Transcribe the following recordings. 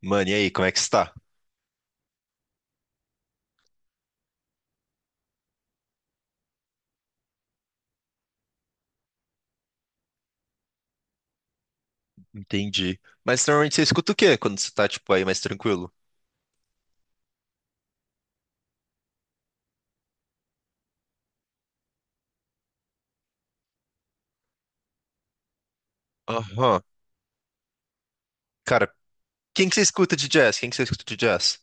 Mano, e aí, como é que está? Entendi. Mas normalmente você escuta o quê quando você tá, tipo, aí mais tranquilo? Aham. Cara, quem que você escuta de jazz? Quem que você escuta de jazz?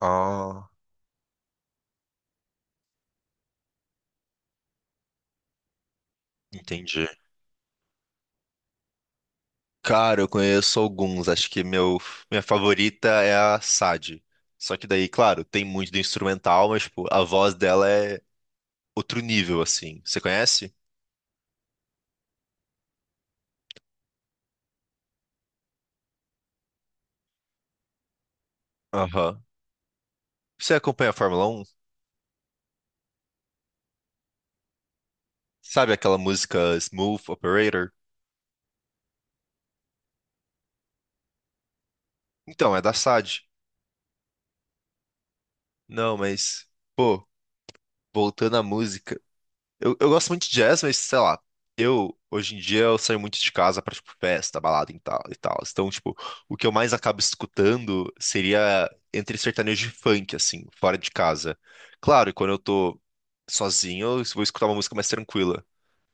Ah, entendi. Cara, eu conheço alguns. Acho que minha favorita é a Sade. Só que daí, claro, tem muito do instrumental, mas, tipo, a voz dela é outro nível, assim. Você conhece? Aham. Você acompanha a Fórmula Um? Sabe aquela música Smooth Operator? Então, é da Sade. Não, mas. Pô, voltando à música, eu gosto muito de jazz, mas sei lá, eu hoje em dia eu saio muito de casa pra tipo festa, balada e tal e tal. Então, tipo, o que eu mais acabo escutando seria entre sertanejo e funk, assim, fora de casa. Claro, e quando eu tô sozinho, eu vou escutar uma música mais tranquila.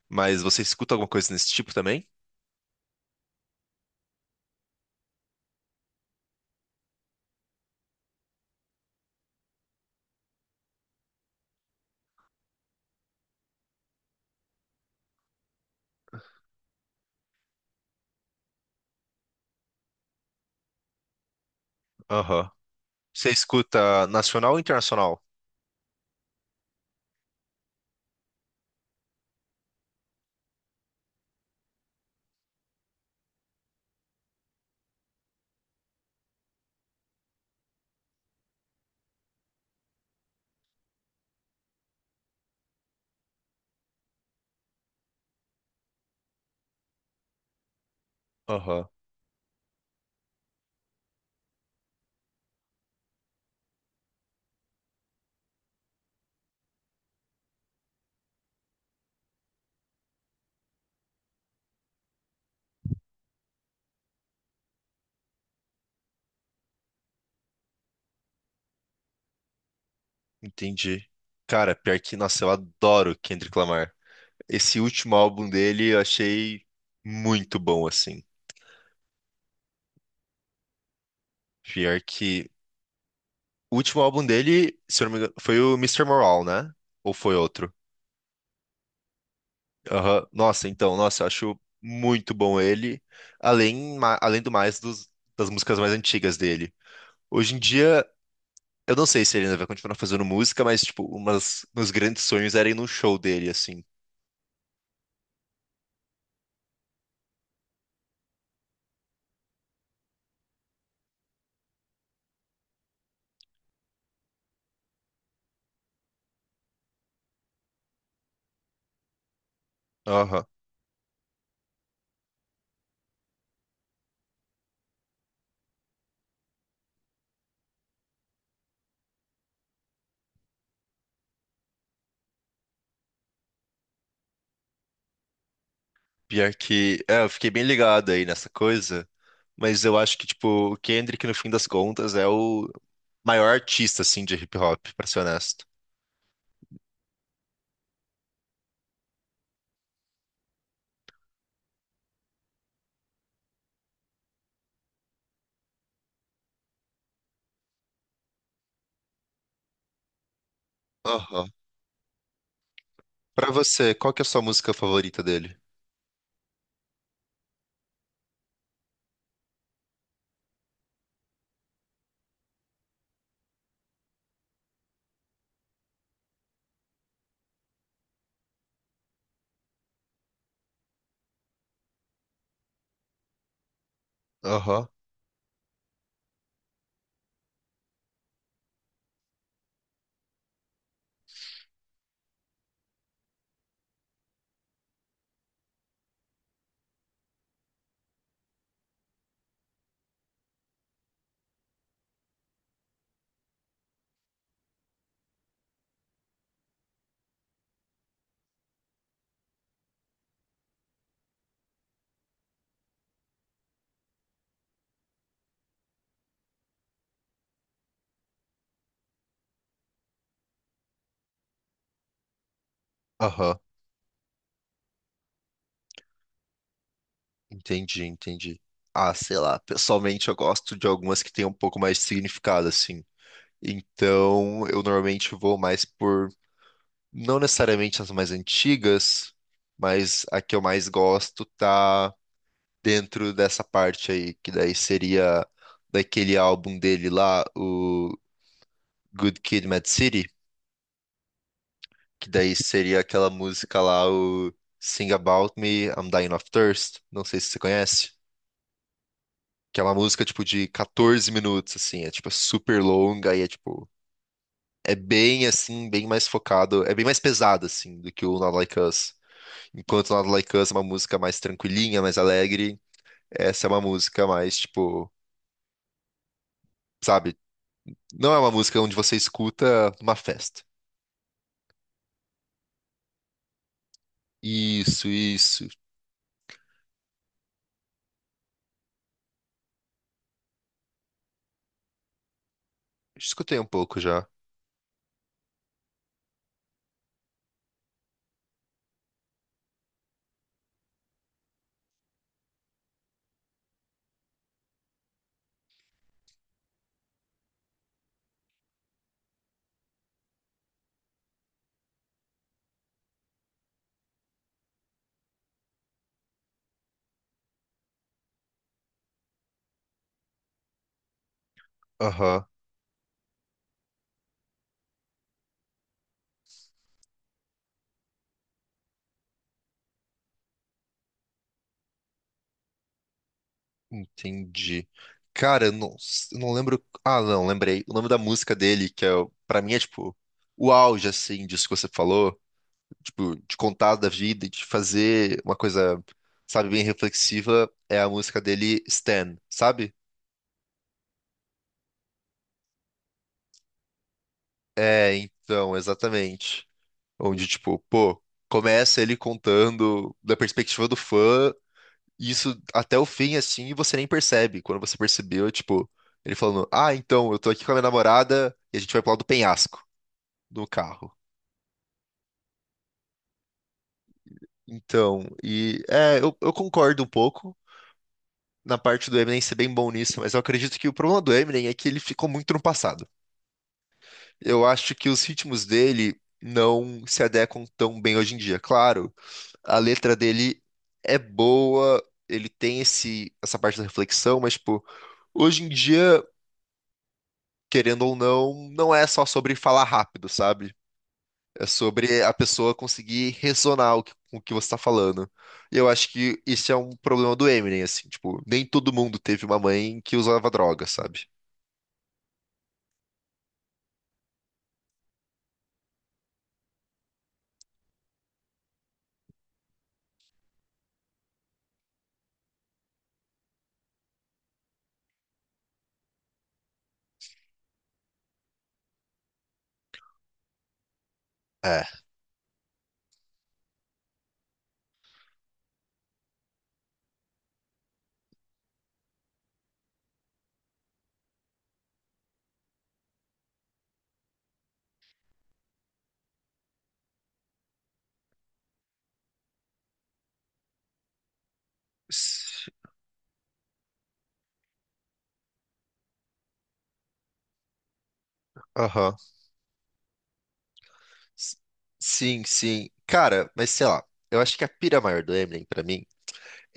Mas você escuta alguma coisa nesse tipo também? Aham. Você escuta nacional ou internacional? Aham. Entendi. Cara, pior que, nossa, eu adoro Kendrick Lamar. Esse último álbum dele eu achei muito bom, assim. Pior que. O último álbum dele, se eu não me engano, foi o Mister Moral, né? Ou foi outro? Aham. Nossa, então, nossa, eu acho muito bom ele. Além, além do mais das músicas mais antigas dele. Hoje em dia, eu não sei se ele ainda vai continuar fazendo música, mas, tipo, umas, meus grandes sonhos era ir num show dele, assim. Aham. Pior que, é, eu fiquei bem ligado aí nessa coisa, mas eu acho que, tipo, o Kendrick, no fim das contas, é o maior artista, assim, de hip hop, pra ser honesto. Aham. Pra você, qual que é a sua música favorita dele? Aham, aham. Entendi, entendi. Ah, sei lá, pessoalmente eu gosto de algumas que têm um pouco mais de significado, assim. Então, eu normalmente vou mais por, não necessariamente as mais antigas, mas a que eu mais gosto tá dentro dessa parte aí, que daí seria daquele álbum dele lá, o Good Kid, Mad City, que daí seria aquela música lá, o Sing About Me, I'm Dying of Thirst, não sei se você conhece, que é uma música tipo de 14 minutos, assim, é tipo super longa e é tipo. É bem assim, bem mais focado, é bem mais pesado assim do que o Not Like Us. Enquanto o Not Like Us é uma música mais tranquilinha, mais alegre, essa é uma música mais tipo, sabe, não é uma música onde você escuta numa festa. Isso, isso. Escutei um pouco já. Aham, entendi. Cara, eu não lembro. Ah, não, lembrei. O nome da música dele, que é, pra mim é tipo o auge, assim, disso que você falou, tipo, de contar da vida, de fazer uma coisa, sabe, bem reflexiva, é a música dele, Stan, sabe? É, então, exatamente. Onde, tipo, pô, começa ele contando da perspectiva do fã. E isso até o fim, assim, e você nem percebe. Quando você percebeu, é tipo, ele falando: Ah, então, eu tô aqui com a minha namorada e a gente vai pro lado do penhasco do carro. Então, e é, eu concordo um pouco na parte do Eminem ser bem bom nisso, mas eu acredito que o problema do Eminem é que ele ficou muito no passado. Eu acho que os ritmos dele não se adequam tão bem hoje em dia. Claro, a letra dele é boa, ele tem essa parte da reflexão, mas, tipo, hoje em dia, querendo ou não, não é só sobre falar rápido, sabe? É sobre a pessoa conseguir ressonar com o que você tá falando. E eu acho que isso é um problema do Eminem, assim, tipo, nem todo mundo teve uma mãe que usava droga, sabe? É. S- Aham. S- Sim, sim. Cara, mas sei lá, eu acho que a pira maior do Eminem pra mim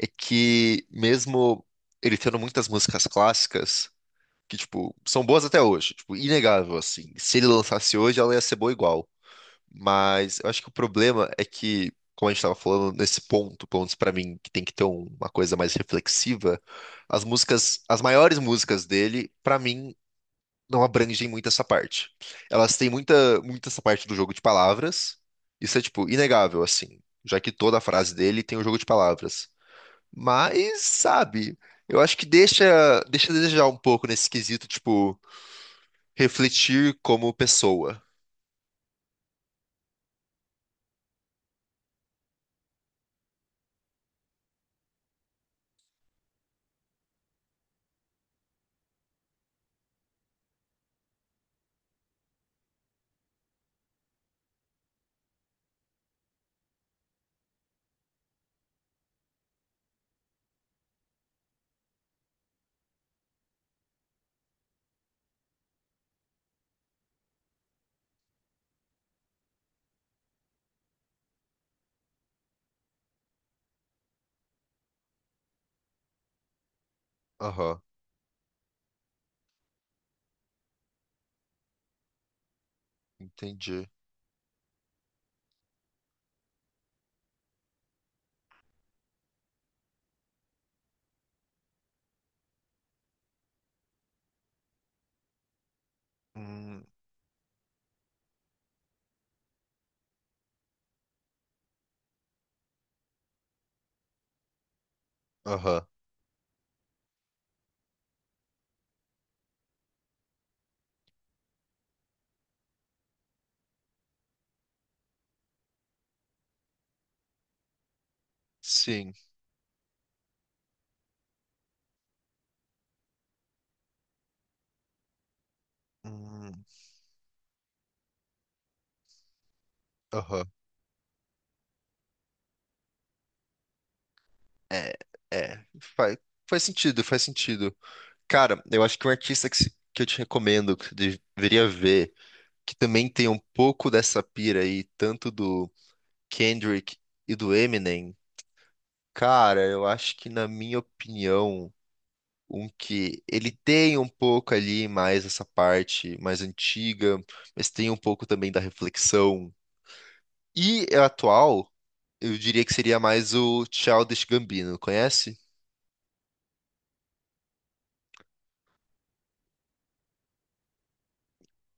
é que mesmo ele tendo muitas músicas clássicas, que tipo, são boas até hoje, tipo, inegável assim. Se ele lançasse hoje, ela ia ser boa igual. Mas eu acho que o problema é que, como a gente estava falando, nesse ponto, pelo menos pra mim, que tem que ter uma coisa mais reflexiva, as músicas, as maiores músicas dele, pra mim, não abrangem muito essa parte. Elas têm muito essa parte do jogo de palavras. Isso é, tipo, inegável, assim, já que toda a frase dele tem um jogo de palavras. Mas, sabe, eu acho que deixa a desejar um pouco nesse quesito, tipo, refletir como pessoa. Aham, entendi. Hum, Aham. Sim. Hum, aham. É, é. Faz, faz sentido, faz sentido. Cara, eu acho que um artista que, que eu te recomendo, que você deveria ver, que também tem um pouco dessa pira aí, tanto do Kendrick e do Eminem, cara, eu acho que, na minha opinião, um que ele tem um pouco ali mais essa parte mais antiga, mas tem um pouco também da reflexão. E é atual, eu diria que seria mais o Childish Gambino, conhece?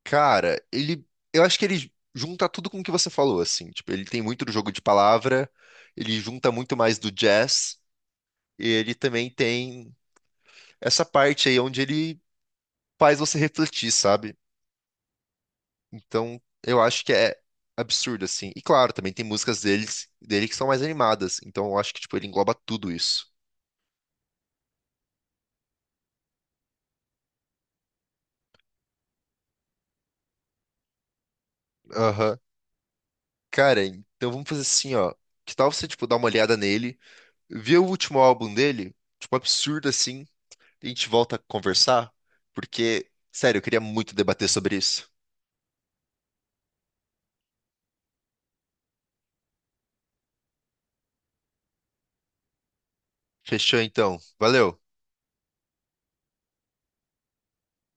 Cara, ele. Eu acho que ele junta tudo com o que você falou, assim. Tipo, ele tem muito do jogo de palavra, ele junta muito mais do jazz, e ele também tem essa parte aí onde ele faz você refletir, sabe? Então, eu acho que é absurdo, assim. E claro, também tem músicas dele que são mais animadas. Então, eu acho que, tipo, ele engloba tudo isso. Aham. Cara, então vamos fazer assim, ó. Que tal você, tipo, dar uma olhada nele, ver o último álbum dele, tipo, absurdo, assim. A gente volta a conversar, porque, sério, eu queria muito debater sobre isso. Fechou então. Valeu.